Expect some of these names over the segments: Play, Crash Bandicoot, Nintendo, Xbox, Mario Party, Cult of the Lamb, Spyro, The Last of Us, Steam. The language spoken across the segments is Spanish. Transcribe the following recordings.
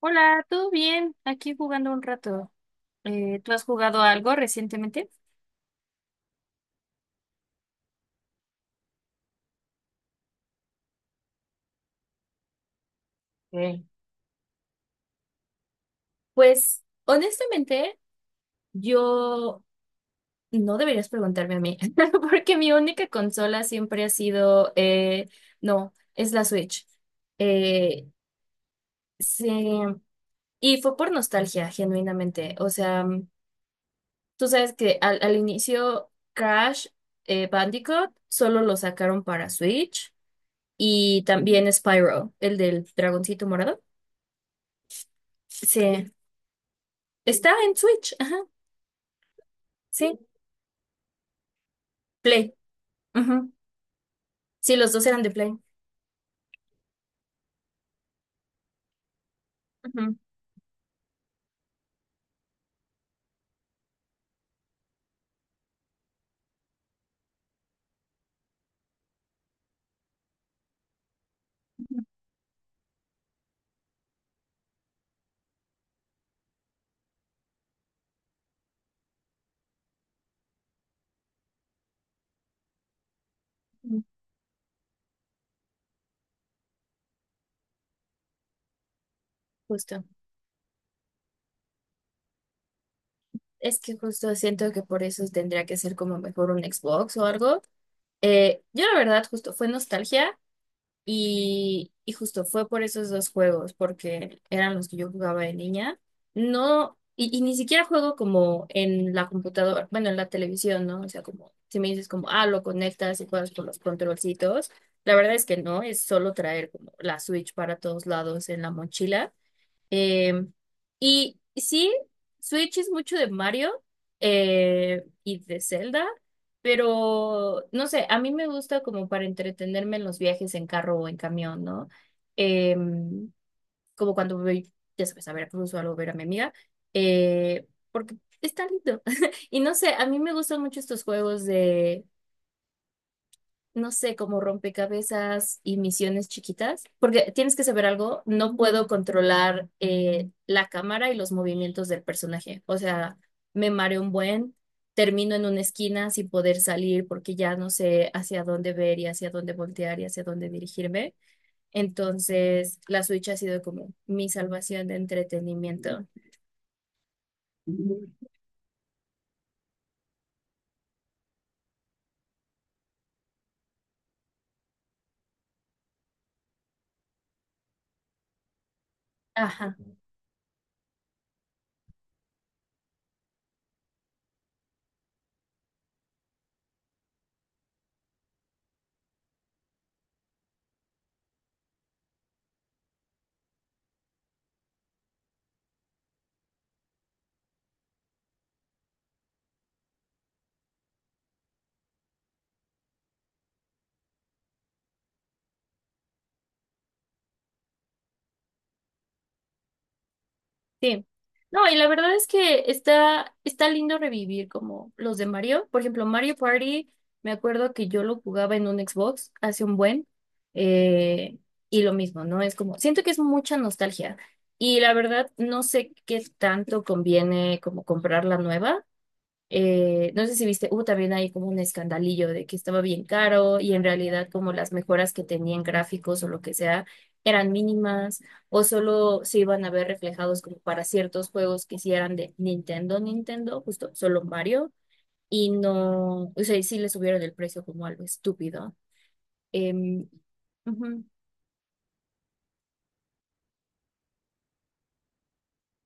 Hola, ¿todo bien? Aquí jugando un rato. ¿Tú has jugado algo recientemente? Ok. Pues honestamente, yo no deberías preguntarme a mí, porque mi única consola siempre ha sido, no, es la Switch. Eh, sí, y fue por nostalgia, genuinamente. O sea, tú sabes que al inicio Crash, Bandicoot, solo lo sacaron para Switch, y también Spyro, el del dragoncito morado. Sí. Está en Switch, ajá. Sí, Play. Ajá. Sí, los dos eran de Play. Ajá. Mm, justo. Es que justo siento que por eso tendría que ser como mejor un Xbox o algo. Yo la verdad, justo fue nostalgia. Y justo fue por esos dos juegos, porque eran los que yo jugaba de niña. No, y ni siquiera juego como en la computadora, bueno, en la televisión, ¿no? O sea, como si me dices como, ah, lo conectas y juegas con los controlcitos. La verdad es que no, es solo traer como la Switch para todos lados en la mochila. Eh, y sí, Switch es mucho de Mario, y de Zelda, pero no sé, a mí me gusta como para entretenerme en los viajes en carro o en camión, ¿no? Em, Como cuando voy, ya sabes, a Veracruz o algo, a ver a mi amiga, porque está lindo. Y no sé, a mí me gustan mucho estos juegos de, no sé, como rompecabezas y misiones chiquitas, porque tienes que saber algo, no puedo controlar, la cámara y los movimientos del personaje, o sea, me mareo un buen, termino en una esquina sin poder salir porque ya no sé hacia dónde ver y hacia dónde voltear y hacia dónde dirigirme. Entonces, la Switch ha sido como mi salvación de entretenimiento. Ajá. Sí. No, y la verdad es que está lindo revivir como los de Mario. Por ejemplo, Mario Party, me acuerdo que yo lo jugaba en un Xbox hace un buen. eh, y lo mismo, ¿no? Es como, siento que es mucha nostalgia. Y la verdad, no sé qué tanto conviene como comprar la nueva. No sé si viste, hubo también ahí como un escandalillo de que estaba bien caro y en realidad como las mejoras que tenían gráficos o lo que sea eran mínimas o solo se iban a ver reflejados como para ciertos juegos que sí eran de Nintendo, Nintendo, justo solo Mario. Y no, o sea, y sí le subieron el precio como algo estúpido. Em, Ujú.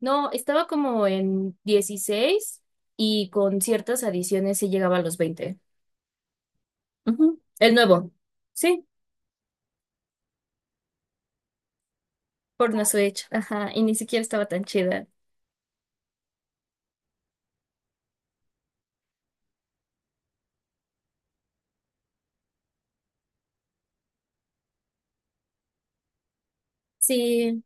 No, estaba como en 16 y con ciertas adiciones sí llegaba a los 20. Ujú. El nuevo. Sí, por una Switch, ajá, y ni siquiera estaba tan chida. Sí,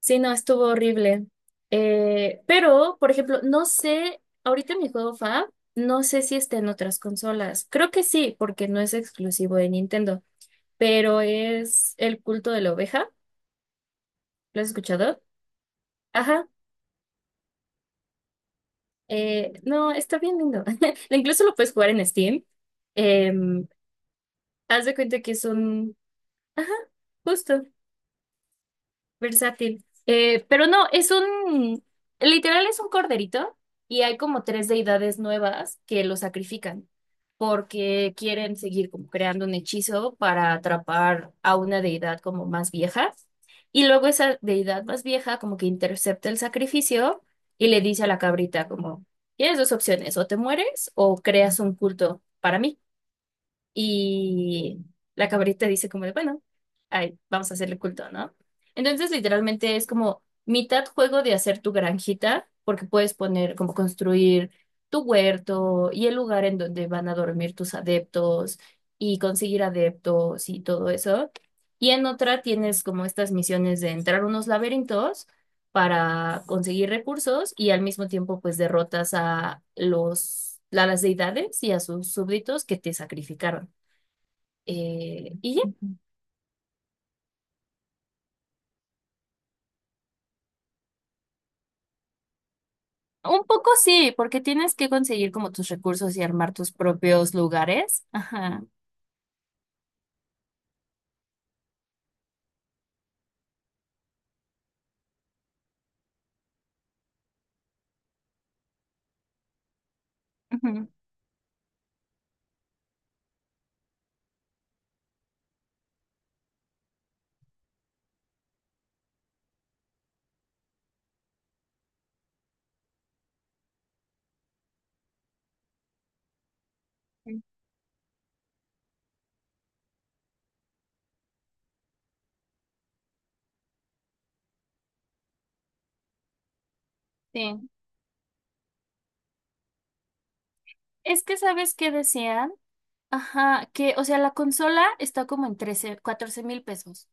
sí, no, estuvo horrible. Pero, por ejemplo, no sé, ahorita mi juego fab, no sé si está en otras consolas. Creo que sí, porque no es exclusivo de Nintendo, pero es El culto de la oveja. ¿Lo has escuchado? Ajá. No, está bien lindo. Incluso lo puedes jugar en Steam. Em, Haz de cuenta que es un... Ajá, justo. Versátil. Pero no, literal es un corderito y hay como tres deidades nuevas que lo sacrifican porque quieren seguir como creando un hechizo para atrapar a una deidad como más vieja. Y luego esa deidad más vieja como que intercepta el sacrificio y le dice a la cabrita como, tienes dos opciones, o te mueres o creas un culto para mí. Y la cabrita dice como de, bueno, ay, vamos a hacerle culto, ¿no? Entonces, literalmente es como mitad juego de hacer tu granjita, porque puedes poner como construir tu huerto y el lugar en donde van a dormir tus adeptos y conseguir adeptos y todo eso. Y en otra tienes como estas misiones de entrar a unos laberintos para conseguir recursos y al mismo tiempo pues derrotas a los, a las deidades y a sus súbditos que te sacrificaron. Y ya, un poco sí, porque tienes que conseguir como tus recursos y armar tus propios lugares. Ajá. Ujú. Sí. Es que, ¿sabes qué decían? Ajá, que, o sea, la consola está como en 13 14 mil pesos.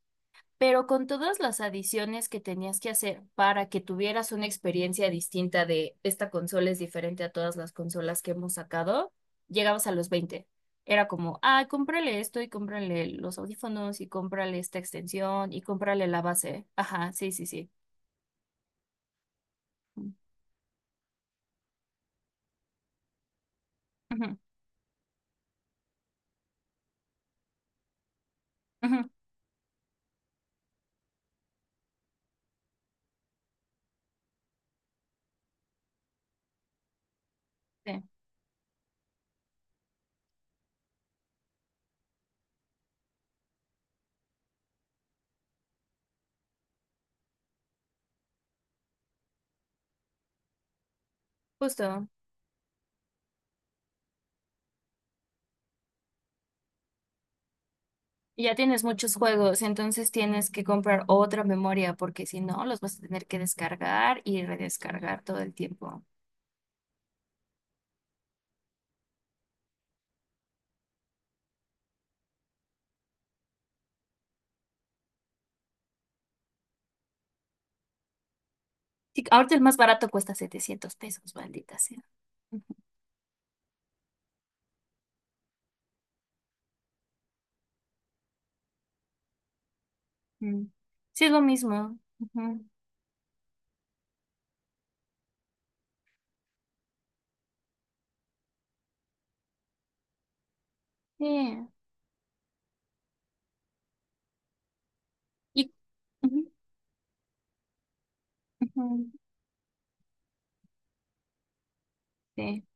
Pero con todas las adiciones que tenías que hacer para que tuvieras una experiencia distinta de esta consola es diferente a todas las consolas que hemos sacado, llegabas a los 20. Era como, ah, cómprale esto y cómprale los audífonos y cómprale esta extensión y cómprale la base. Ajá, sí, sí, sí. Ujú, ujú, sí, justo. Y ya tienes muchos juegos, entonces tienes que comprar otra memoria porque si no, los vas a tener que descargar y redescargar todo el tiempo. Sí, ahorita el más barato cuesta 700 pesos, maldita sea. Ujú. Sí, es lo mismo. Ujú. Sí. Y, ujú, ujú, sí.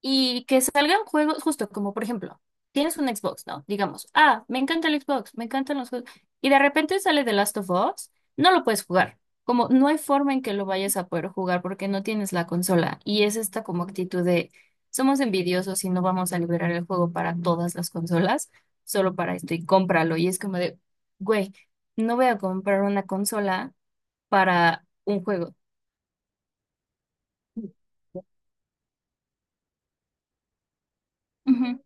Y que salgan juegos, justo como por ejemplo, tienes un Xbox, ¿no? Digamos, ah, me encanta el Xbox, me encantan los juegos. Y de repente sale The Last of Us, no lo puedes jugar. Como no hay forma en que lo vayas a poder jugar porque no tienes la consola. Y es esta como actitud de, somos envidiosos y no vamos a liberar el juego para todas las consolas, solo para esto y cómpralo. Y es como de, güey, no voy a comprar una consola para un juego. Ujú,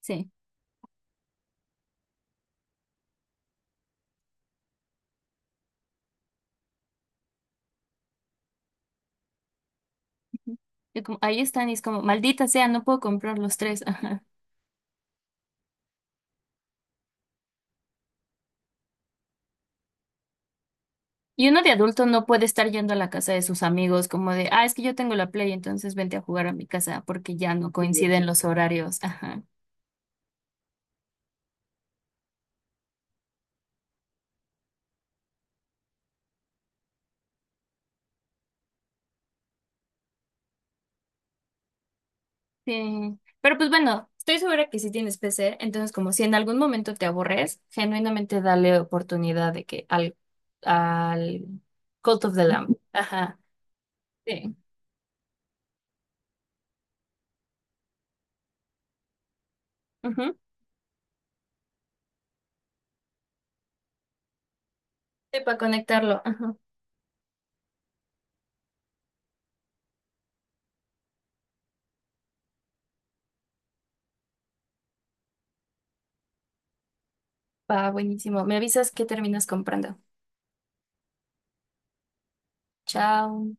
sí. Y como- ahí están y es como, maldita sea, no puedo comprar los tres. Ajá. Y uno de adulto no puede estar yendo a la casa de sus amigos como de, ah, es que yo tengo la Play, entonces vente a jugar a mi casa porque ya no, sí, coinciden los horarios. Ajá. Sí. Pero pues bueno, estoy segura que si tienes PC, entonces como si en algún momento te aburres, genuinamente dale oportunidad de que al Cult of the Lamb. Ajá. Sí. Ujú. Sí, para conectarlo. Ajá. Va, buenísimo. Me avisas que terminas comprando. Chao.